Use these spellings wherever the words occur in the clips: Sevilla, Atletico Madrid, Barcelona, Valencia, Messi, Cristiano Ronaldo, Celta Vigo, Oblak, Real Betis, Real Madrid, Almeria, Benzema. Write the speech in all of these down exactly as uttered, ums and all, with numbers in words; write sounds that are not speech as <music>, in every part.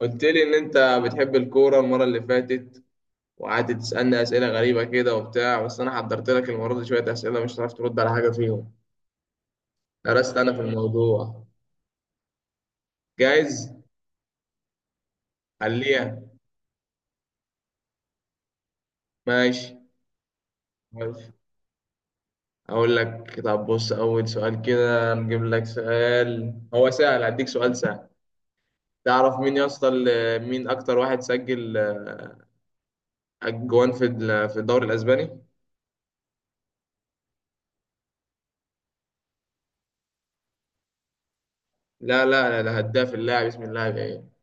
قلت لي ان انت بتحب الكوره المره اللي فاتت، وقعدت تسالني اسئله غريبه كده وبتاع. بس انا حضرت لك المره دي شويه اسئله مش هتعرف ترد على حاجه فيهم. درست انا في الموضوع. جاهز. خليها. ماشي ماشي. اقول لك، طب بص، اول سؤال كده نجيب لك سؤال هو سهل، هديك سؤال سهل. تعرف مين يا اسطى ال- مين اكتر واحد سجل اجوان في ال- في الدوري الاسباني؟ لا لا لا، ده هداف. اللاعب، اسم اللاعب ايه؟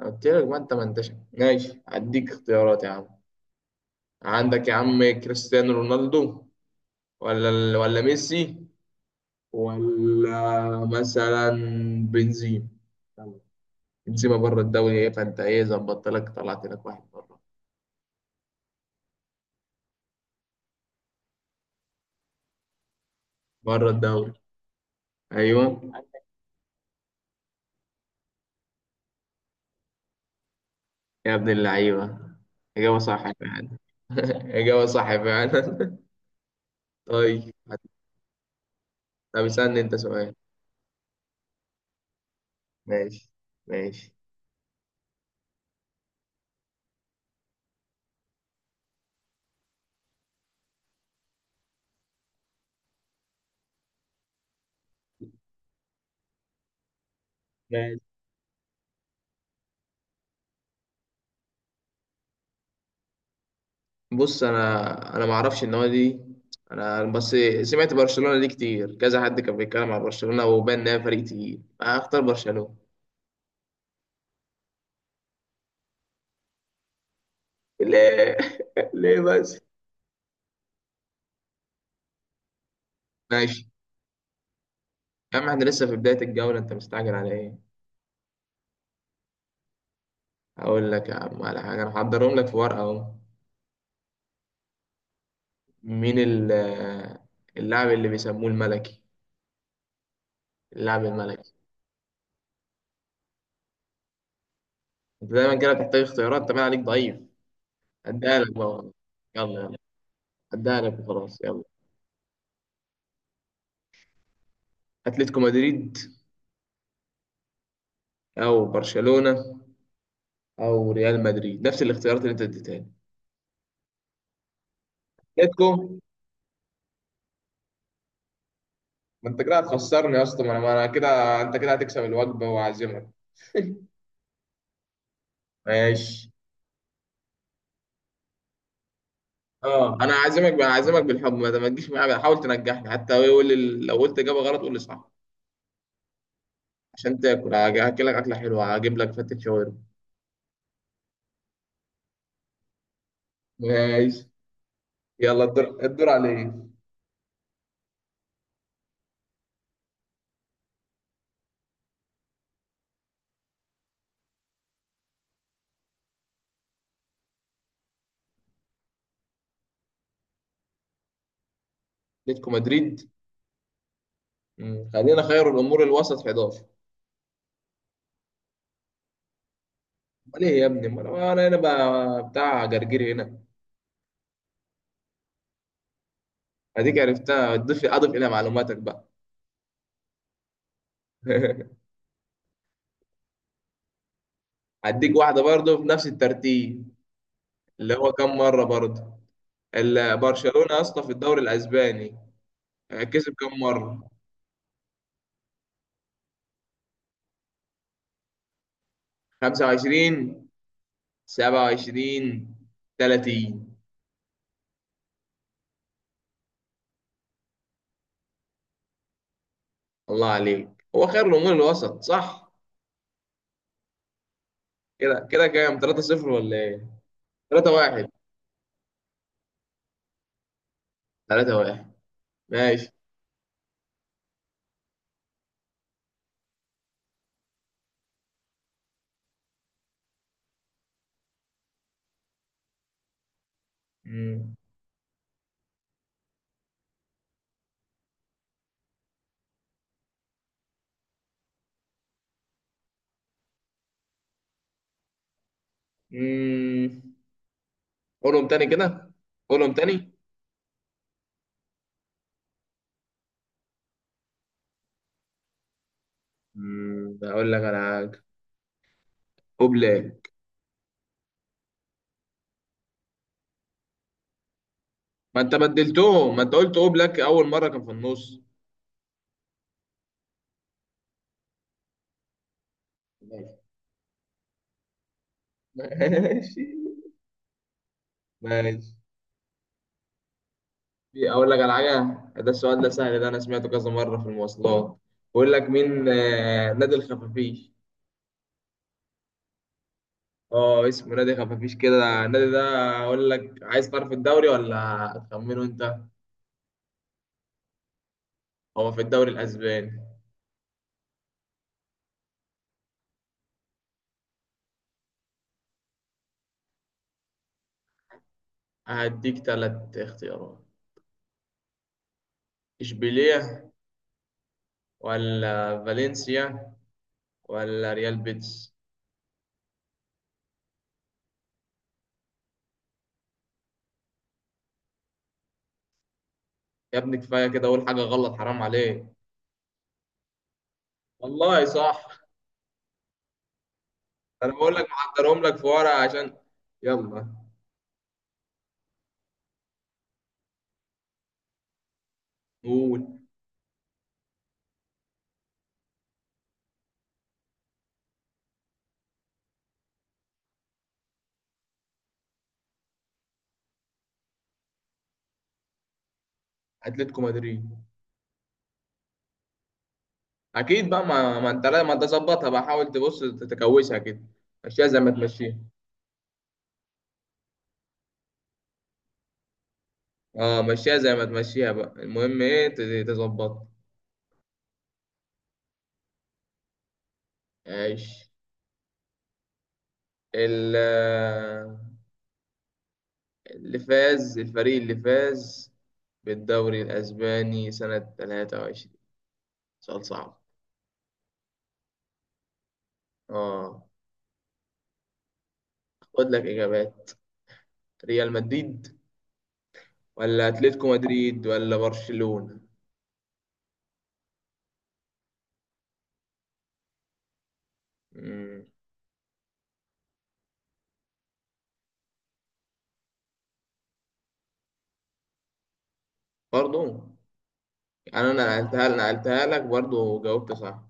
انا قلت لك، ما انت ما انتش ماشي، هديك اختيارات يا عم. عندك يا عم كريستيانو رونالدو، ولا ال- ولا ميسي، ولا مثلا بنزيما. يلا. بنزيما بره الدوري ايه، فانت ايه ظبطت لك، طلعت لك واحد بره. بره الدوري، ايوه. يا ابن اللعيبه، اجابه صح فعلا. <laughs> اجابه صح فعلا. <laughs> طيب هت- طب اسالني انت سؤال. ماشي ماشي ماشي. بص، انا انا ما اعرفش النوادي دي. انا بس سمعت برشلونه دي كتير، كذا حد كان بيتكلم عن برشلونه وبان انها فريق تقيل، هختار برشلونه. ليه؟ <laughs> ليه بس؟ ماشي. يا عم احنا لسه في بدايه الجوله، انت مستعجل على ايه؟ هقول لك يا عم على حاجه، انا هحضرهم لك في ورقه اهو. مين ال- اللاعب اللي بيسموه الملكي؟ اللاعب الملكي. انت دايما كده بتحتاج اختيارات، انت باين عليك ضعيف. هديها لك بقى، يلا يلا، هديها لك وخلاص، يلا. اتلتيكو مدريد، او برشلونه، او ريال مدريد، نفس الاختيارات اللي انت اديتها لي. اتلتيكو. ما انت كده هتخسرني يا اسطى، ما انا ما أنا كده، انت كده هتكسب الوجبه وعازمك. ماشي. اه انا عازمك بقى، عازمك بالحب. ما ما تجيش معايا بقى، حاول تنجحني حتى. هو يقول لي- لو قلت اجابه غلط قول لي صح عشان تاكل. هاج- هاكلك اكله حلوه، هجيب لك فتة شاورما. ماشي. يلا، الدور الدور عليك. اتلتيكو مدريد. مم. خلينا خير الامور الوسط، احداشر. امال ايه يا ابني، ما انا ما انا أنا بقى بتاع جرجير هنا. اديك عرفتها، اضيف اضيف الى معلوماتك بقى. <laughs> هديك واحدة برضه في نفس الترتيب. اللي هو كم مرة برضه ال- برشلونة يا اسطى في الدوري الأسباني كسب كم مرة؟ خمسة وعشرين، سبعة وعشرين، ثلاثين. الله عليك، هو خير الأمور الوسط صح؟ كده كده كام؟ ثلاثة صفر ولا إيه؟ ثلاثة واحد. ثلاثة واحد. ماشي. مم. مم. قولهم تاني كده، قولهم تاني. مم. أقول لك على حاجة، أوبلاك. ما أنت بدلتهم، ما أنت قلت أوبلاك أول مرة كان في النص. ماشي ماشي. في اقول لك على حاجه، ده السؤال ده سهل، ده انا سمعته كذا مره في المواصلات. بقول لك مين آه، نادي الخفافيش؟ اه اسمه نادي خفافيش كده النادي ده. اقول لك، عايز تعرف الدوري ولا هتخمنه انت؟ هو في الدوري الاسباني. هديك ثلاث اختيارات: اشبيليه، ولا فالنسيا، ولا ريال بيتس. يا ابني كفايه كده اقول حاجه غلط، حرام عليك. والله صح. انا بقول لك محضرهم لك في ورقه عشان. يلا، قول. اتلتيكو مدريد. اكيد بقى، ما, ما انت لا- ما انت ظبطها بقى، حاول تبص تتكوشها كده، مشيها زي ما تمشيها. اه مشيها زي ما تمشيها بقى، المهم ايه ت- تظبطها. عيش. ال- اللي فاز، الفريق اللي فاز بالدوري الاسباني سنة ثلاثة وعشرين. سؤال صعب. اه. خد لك اجابات: ريال مدريد، ولا اتلتيكو مدريد، ولا برشلونة. مم. برضو؟ يعني انا نقلتها نقلتها لك برضو وجاوبت صح.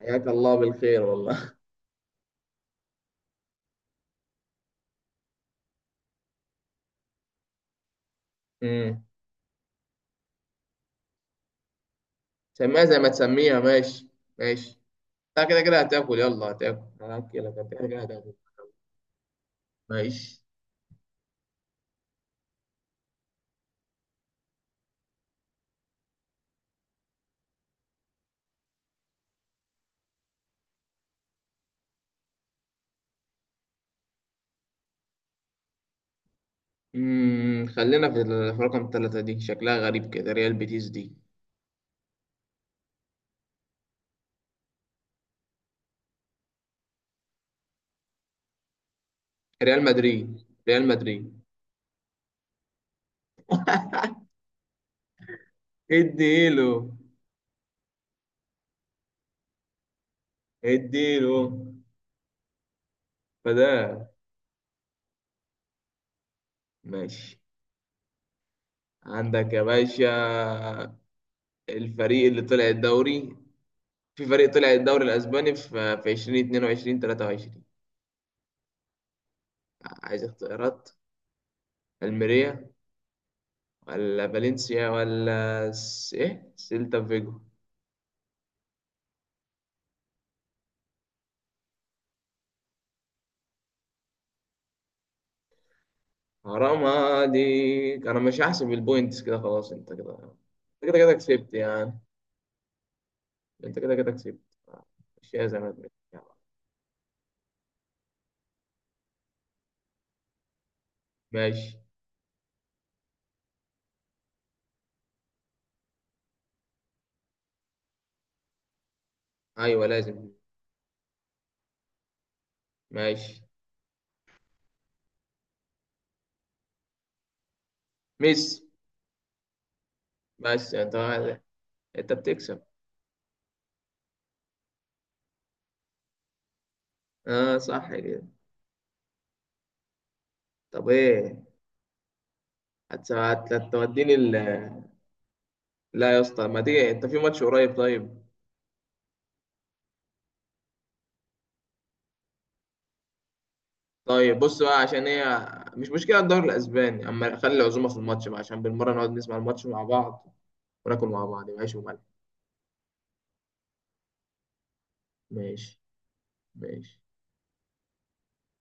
حياك الله بالخير والله. امم، سميها زي ما تسميها، ماشي ماشي. انت كده كده هتاكل، يلا هتاكل، انا هاكلك، انت كده كده هتاكل. ماشي. امم، خلينا في ال- في رقم ثلاثة، دي شكلها غريب كده، ريال بيتيس دي. ريال مدريد. ريال مدريد. اديله، اديله، فده. ماشي. عندك يا باشا. الفريق اللي طلع الدوري، في فريق طلع الدوري الاسباني في في ألفين واتنين وعشرين تلاتة وعشرين. عايز اختيارات. الميريا، ولا فالنسيا، ولا س... ايه سيلتا فيجو. حرام عليك، انا مش هحسب البوينتس كده، خلاص انت كده. انت كده كده كسبت يعني، انت كده كده كسبت، مش زي ما تقول. ماشي. ايوه لازم. ماشي. ميسي. بس انت، انت بتكسب. اه صح كده. طب ايه، هتس- هت- هتوديني ال... لا يا اسطى، ما تيجي انت في ماتش قريب، طيب؟ طيب بص بقى، عشان هي مش مشكلة الدوري الأسباني، أما خلي العزومة في الماتش بقى، عشان بالمرة نقعد نسمع الماتش مع بعض وناكل مع بعض، وعيش وملح. ماشي ماشي.